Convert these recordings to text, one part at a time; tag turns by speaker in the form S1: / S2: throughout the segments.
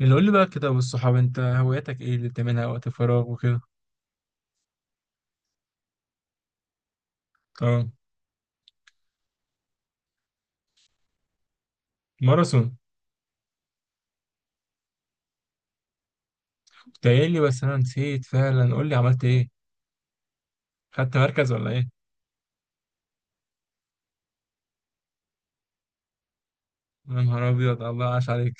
S1: اللي قول لي بقى كده، والصحاب، انت هواياتك ايه اللي بتعملها وقت الفراغ وكده؟ اه. ماراثون. كنت قايل لي، بس انا نسيت فعلا. قول لي عملت ايه، خدت مركز ولا ايه؟ يا نهار ابيض، الله عاش عليك.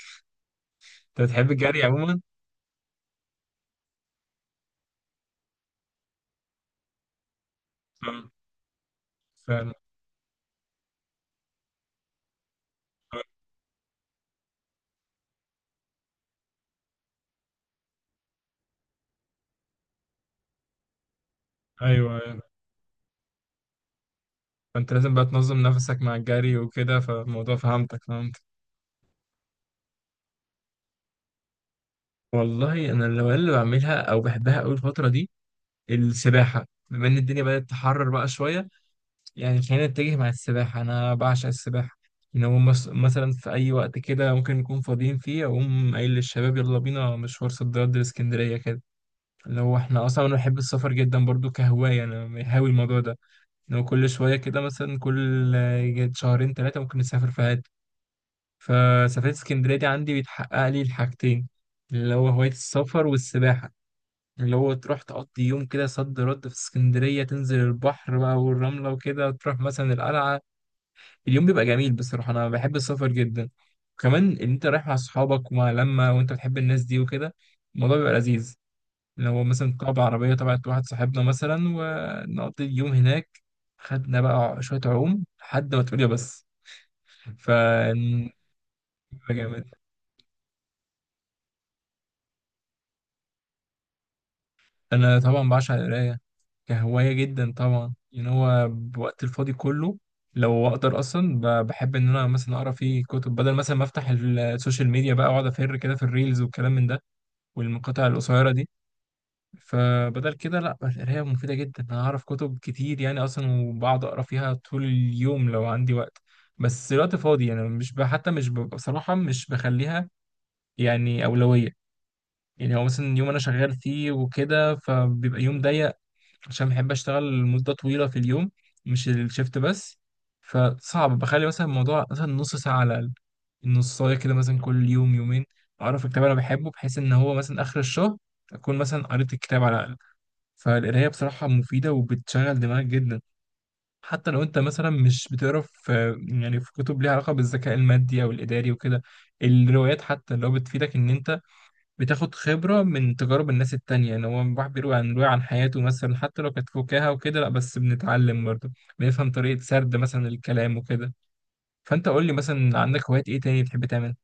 S1: انت بتحب الجري عموما؟ اه. فعلا. اه، ايوه، ايوه. فانت لازم بقى تنظم نفسك مع الجري وكده، فالموضوع فهمت. والله انا الهوايات اللي بعملها او بحبها قوي الفتره دي السباحه، بما ان الدنيا بدات تحرر بقى شويه. يعني خلينا نتجه مع السباحة، أنا بعشق السباحة. إن هو مثلا في أي وقت كده ممكن نكون فاضيين فيه، أقوم قايل للشباب يلا بينا مشوار صد رد لإسكندرية كده. اللي هو إحنا أصلا أنا بحب السفر جدا برضو كهواية، أنا هاوي الموضوع ده. إن هو كل شوية كده، مثلا كل شهرين تلاتة ممكن نسافر في حتة. فسفرية اسكندرية دي عندي بيتحقق لي الحاجتين، اللي هو هواية السفر والسباحة. اللي هو تروح تقضي يوم كده صد رد في اسكندرية، تنزل البحر بقى والرملة وكده، تروح مثلا القلعة. اليوم بيبقى جميل، بصراحة أنا بحب السفر جدا. وكمان إن أنت رايح مع أصحابك ومع لمة وأنت بتحب الناس دي وكده، الموضوع بيبقى لذيذ. لو مثلا طلع بعربية تبعت واحد صاحبنا مثلا ونقضي اليوم هناك، خدنا بقى شوية عوم لحد ما تقول يا بس. ف بيبقى جامد. أنا طبعا بعشق القراية كهواية جدا طبعا، يعني هو بوقت الفاضي كله لو أقدر أصلا بحب إن أنا مثلا أقرأ فيه كتب بدل مثلا ما أفتح السوشيال ميديا بقى وأقعد أفر كده في الريلز والكلام من ده، والمقاطع القصيرة دي. فبدل كده لا، القراية مفيدة جدا. أنا أعرف كتب كتير يعني أصلا، وبقعد أقرأ فيها طول اليوم لو عندي وقت. بس الوقت فاضي يعني، مش ب... حتى مش ب... بصراحة مش بخليها يعني أولوية. يعني هو مثلا يوم أنا شغال فيه وكده فبيبقى يوم ضيق، عشان بحب اشتغل مدة طويلة في اليوم، مش الشيفت بس. فصعب بخلي مثلا الموضوع مثلا نص ساعة على الأقل، النصاية كده، مثلا كل يوم يومين أعرف الكتاب أنا بحبه، بحيث إن هو مثلا آخر الشهر أكون مثلا قريت الكتاب على الأقل. فالقراية بصراحة مفيدة وبتشغل دماغك جدا. حتى لو أنت مثلا مش بتقرا يعني في كتب ليها علاقة بالذكاء المادي أو الإداري وكده، الروايات حتى لو بتفيدك إن أنت بتاخد خبرة من تجارب الناس التانية، ان هو الواحد بيروي عن حياته مثلا، حتى لو كانت فكاهة وكده، لا بس بنتعلم برضه، بنفهم طريقة سرد مثلا الكلام وكده. فانت قول لي مثلا، عندك هوايات ايه تاني بتحب تعمل؟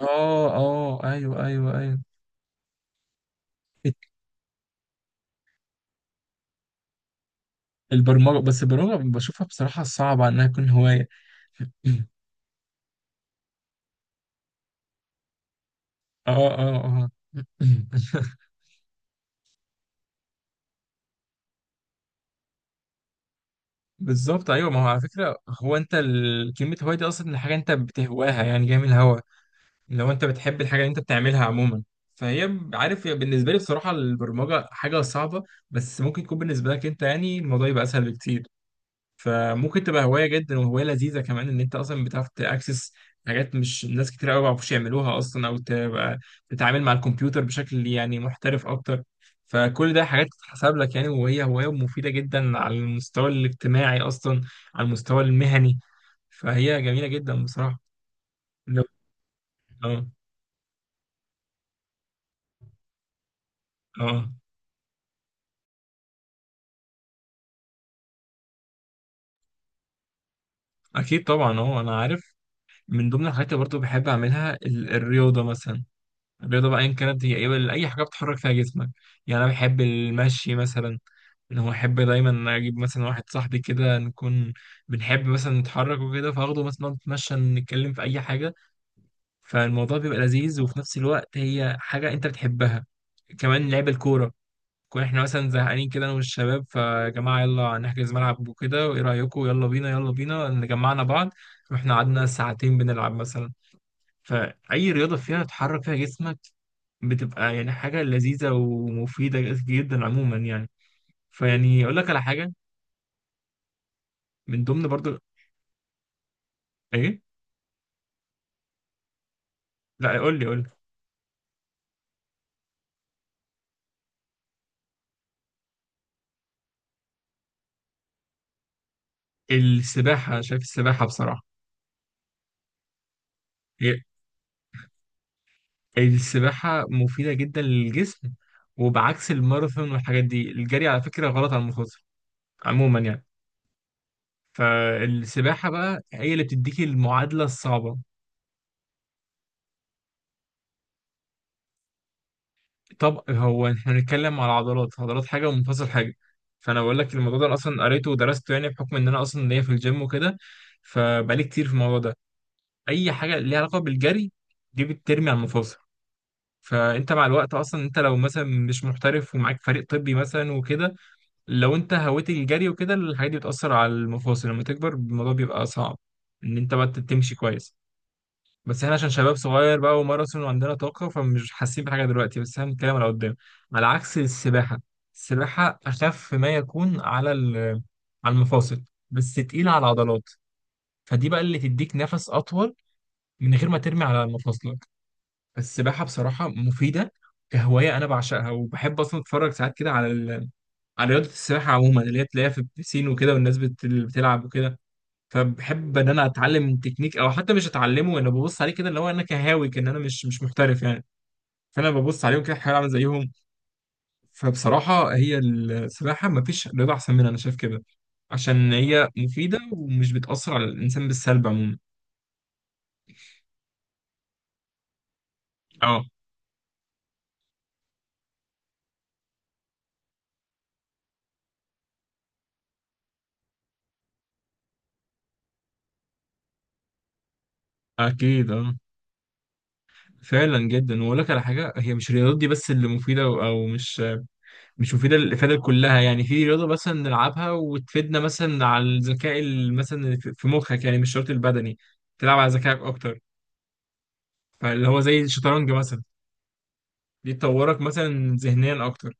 S1: اه، اه، ايوه، ايوه، ايوه. بت- البرمجة، بس البرمجة بشوفها بصراحة صعبة انها تكون هواية. اه، اه، اه. بالظبط، ايوه. ما هو على فكرة هو انت كلمة هواية دي اصلا حاجة انت بتهواها، يعني جاي من الهوا. لو انت بتحب الحاجه اللي انت بتعملها عموما، فهي عارف، هي بالنسبه لي بصراحه البرمجه حاجه صعبه، بس ممكن يكون بالنسبه لك انت يعني الموضوع يبقى اسهل بكتير. فممكن تبقى هوايه جدا وهوايه لذيذه كمان، ان انت اصلا بتعرف تاكسس حاجات مش ناس كتير قوي ما بيعرفوش يعملوها اصلا، او تبقى تتعامل مع الكمبيوتر بشكل يعني محترف اكتر. فكل ده حاجات تتحسب لك يعني، وهي هوايه مفيده جدا على المستوى الاجتماعي اصلا، على المستوى المهني، فهي جميله جدا بصراحه. لو- اه، اه، اكيد طبعا. هو انا عارف، من ضمن الحاجات اللي برضه بحب اعملها الرياضه مثلا. الرياضه بقى ايا كانت هي ايه، اي حاجه بتحرك فيها جسمك، يعني انا بحب المشي مثلا. ان هو احب دايما اجيب مثلا واحد صاحبي كده نكون بنحب مثلا نتحرك وكده، فاخده مثلا نقعد نتمشى نتكلم في اي حاجه، فالموضوع بيبقى لذيذ، وفي نفس الوقت هي حاجه انت بتحبها. كمان لعب الكوره، كون احنا مثلا زهقانين كده انا والشباب، فيا جماعه يلا نحجز ملعب وكده، وايه رايكم يلا بينا يلا بينا نجمعنا بعض، رحنا قعدنا ساعتين بنلعب مثلا. فاي رياضه فيها تحرك فيها جسمك بتبقى يعني حاجه لذيذه ومفيده جدا عموما يعني. فيعني اقول لك على حاجه، من ضمن برضو، ايه؟ لا، قول لي قول لي. السباحه. شايف السباحه بصراحه هي- السباحه مفيده جدا للجسم، وبعكس الماراثون والحاجات دي الجري على فكره غلط على المخاطر عموما يعني. فالسباحة بقى هي اللي بتديك المعادلة الصعبة. طب هو احنا بنتكلم على عضلات، عضلات حاجة ومفاصل حاجة. فأنا بقول لك الموضوع ده أنا أصلا قريته ودرسته، يعني بحكم إن أنا أصلا ليا في الجيم وكده، فبقالي كتير في الموضوع ده. أي حاجة ليها علاقة بالجري دي بترمي على المفاصل. فأنت مع الوقت أصلا، أنت لو مثلا مش محترف ومعاك فريق طبي مثلا وكده، لو أنت هويت الجري وكده الحاجات دي بتأثر على المفاصل، لما تكبر الموضوع بيبقى صعب إن أنت بقى تمشي كويس. بس احنا عشان شباب صغير بقى وماراثون وعندنا طاقة فمش حاسين بحاجة دلوقتي، بس احنا بنتكلم على قدام، على عكس السباحة. السباحة أخف ما يكون على على المفاصل، بس تقيلة على العضلات. فدي بقى اللي تديك نفس أطول من غير ما ترمي على مفاصلك. فالسباحة بصراحة مفيدة كهواية، أنا بعشقها، وبحب أصلا أتفرج ساعات كده على على رياضة السباحة عموما، اللي هي تلاقيها في البسين وكده، والناس اللي بتلعب وكده. فبحب ان انا اتعلم تكنيك، او حتى مش اتعلمه، انا ببص عليه كده، اللي هو انا كهاوي كان، انا مش محترف يعني. فانا ببص عليهم كده احاول اعمل زيهم. فبصراحه هي السباحه ما فيش رياضه احسن منها، انا شايف كده عشان هي مفيده ومش بتاثر على الانسان بالسلب عموما. اه. اكيد، اه. فعلا جدا. واقول لك على حاجه، هي مش الرياضات دي بس اللي مفيده، او مش مفيده للافاده كلها. يعني في رياضه مثلا نلعبها وتفيدنا مثلا على الذكاء مثلا في مخك يعني، مش شرط البدني، تلعب على ذكائك اكتر، فاللي هو زي الشطرنج مثلا، دي تطورك مثلا ذهنيا اكتر،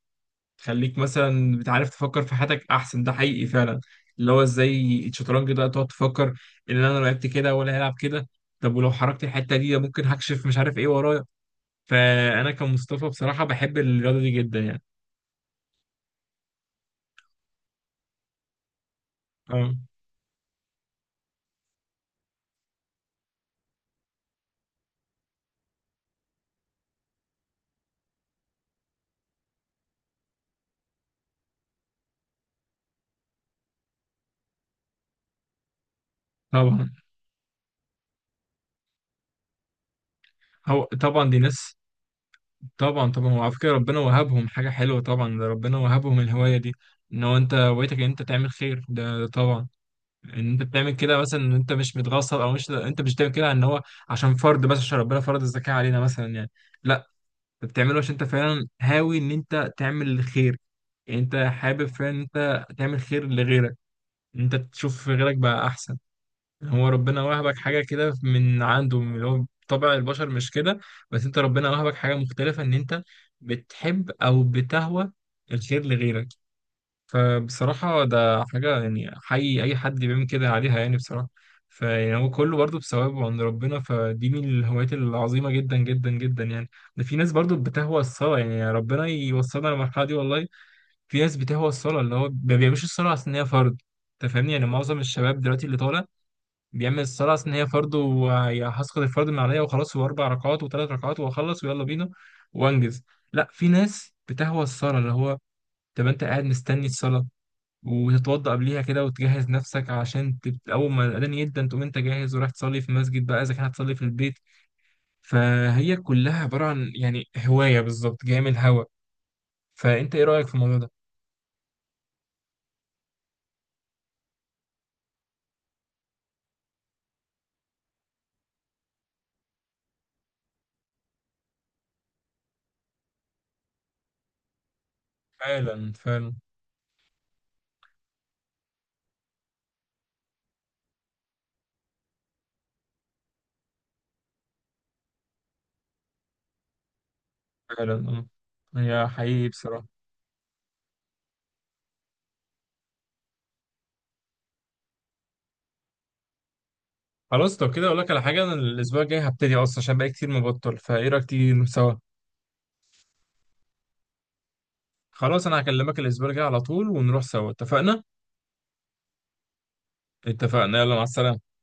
S1: تخليك مثلا بتعرف تفكر في حياتك احسن، ده حقيقي فعلا. اللي هو ازاي الشطرنج ده تقعد تفكر ان انا لو لعبت كده ولا هيلعب كده، طب ولو حركت الحته دي ممكن هكشف مش عارف ايه ورايا. فانا كمصطفى بصراحه بحب الرياضه دي جدا يعني. اه، طبعا. هو طبعا دي ناس، طبعا طبعا هو على فكره ربنا وهبهم حاجه حلوه طبعا. ده ربنا وهبهم الهوايه دي، ان هو انت هوايتك ان انت تعمل خير، ده طبعا ان انت بتعمل كده، مثلا ان انت مش متغصب، او مش انت مش بتعمل كده ان هو عشان فرض بس، عشان ربنا فرض الزكاة علينا مثلا يعني. لا، انت بتعمله عشان انت فعلا هاوي ان انت تعمل الخير، يعني انت حابب فعلا ان انت تعمل خير لغيرك، ان انت تشوف غيرك بقى احسن. يعني هو ربنا وهبك حاجة كده من عنده، من اللي هو طبع البشر، مش كده، بس انت ربنا وهبك حاجة مختلفة ان انت بتحب او بتهوى الخير لغيرك. فبصراحة ده حاجة يعني حي أي حد بيعمل كده عليها يعني بصراحة، فيعني هو كله برضه بثواب عند ربنا، فدي من الهوايات العظيمة جدا جدا جدا يعني. ده في ناس برضه بتهوى الصلاة، يعني ربنا يوصلنا للمرحلة دي والله. في ناس بتهوى الصلاة، اللي هو ما بيعملش الصلاة عشان هي فرض، أنت فاهمني؟ يعني معظم الشباب دلوقتي اللي طالع بيعمل الصلاة عشان هي فرض، وهسقط الفرض من عليا وخلاص، وأربع ركعات وثلاث ركعات وأخلص ويلا بينا وأنجز. لا، في ناس بتهوى الصلاة اللي هو، طب أنت قاعد مستني الصلاة وتتوضأ قبليها كده وتجهز نفسك عشان أول ما الأذان يبدأ تقوم أنت جاهز ورايح تصلي في مسجد بقى، إذا كان هتصلي في البيت. فهي كلها عبارة عن يعني هواية، بالظبط جاية من الهوا. فأنت إيه رأيك في الموضوع ده؟ فعلا، فعلا، فعلا، أه. هي حقيقي بصراحة. خلاص لو كده أقول لك على حاجة، أنا الأسبوع الجاي هبتدي أصلا عشان بقى كتير مبطل، فإيه رأيك تيجي نروح سوا؟ خلاص، أنا هكلمك الأسبوع الجاي على طول ونروح سوا، اتفقنا؟ اتفقنا، يلا مع السلامة.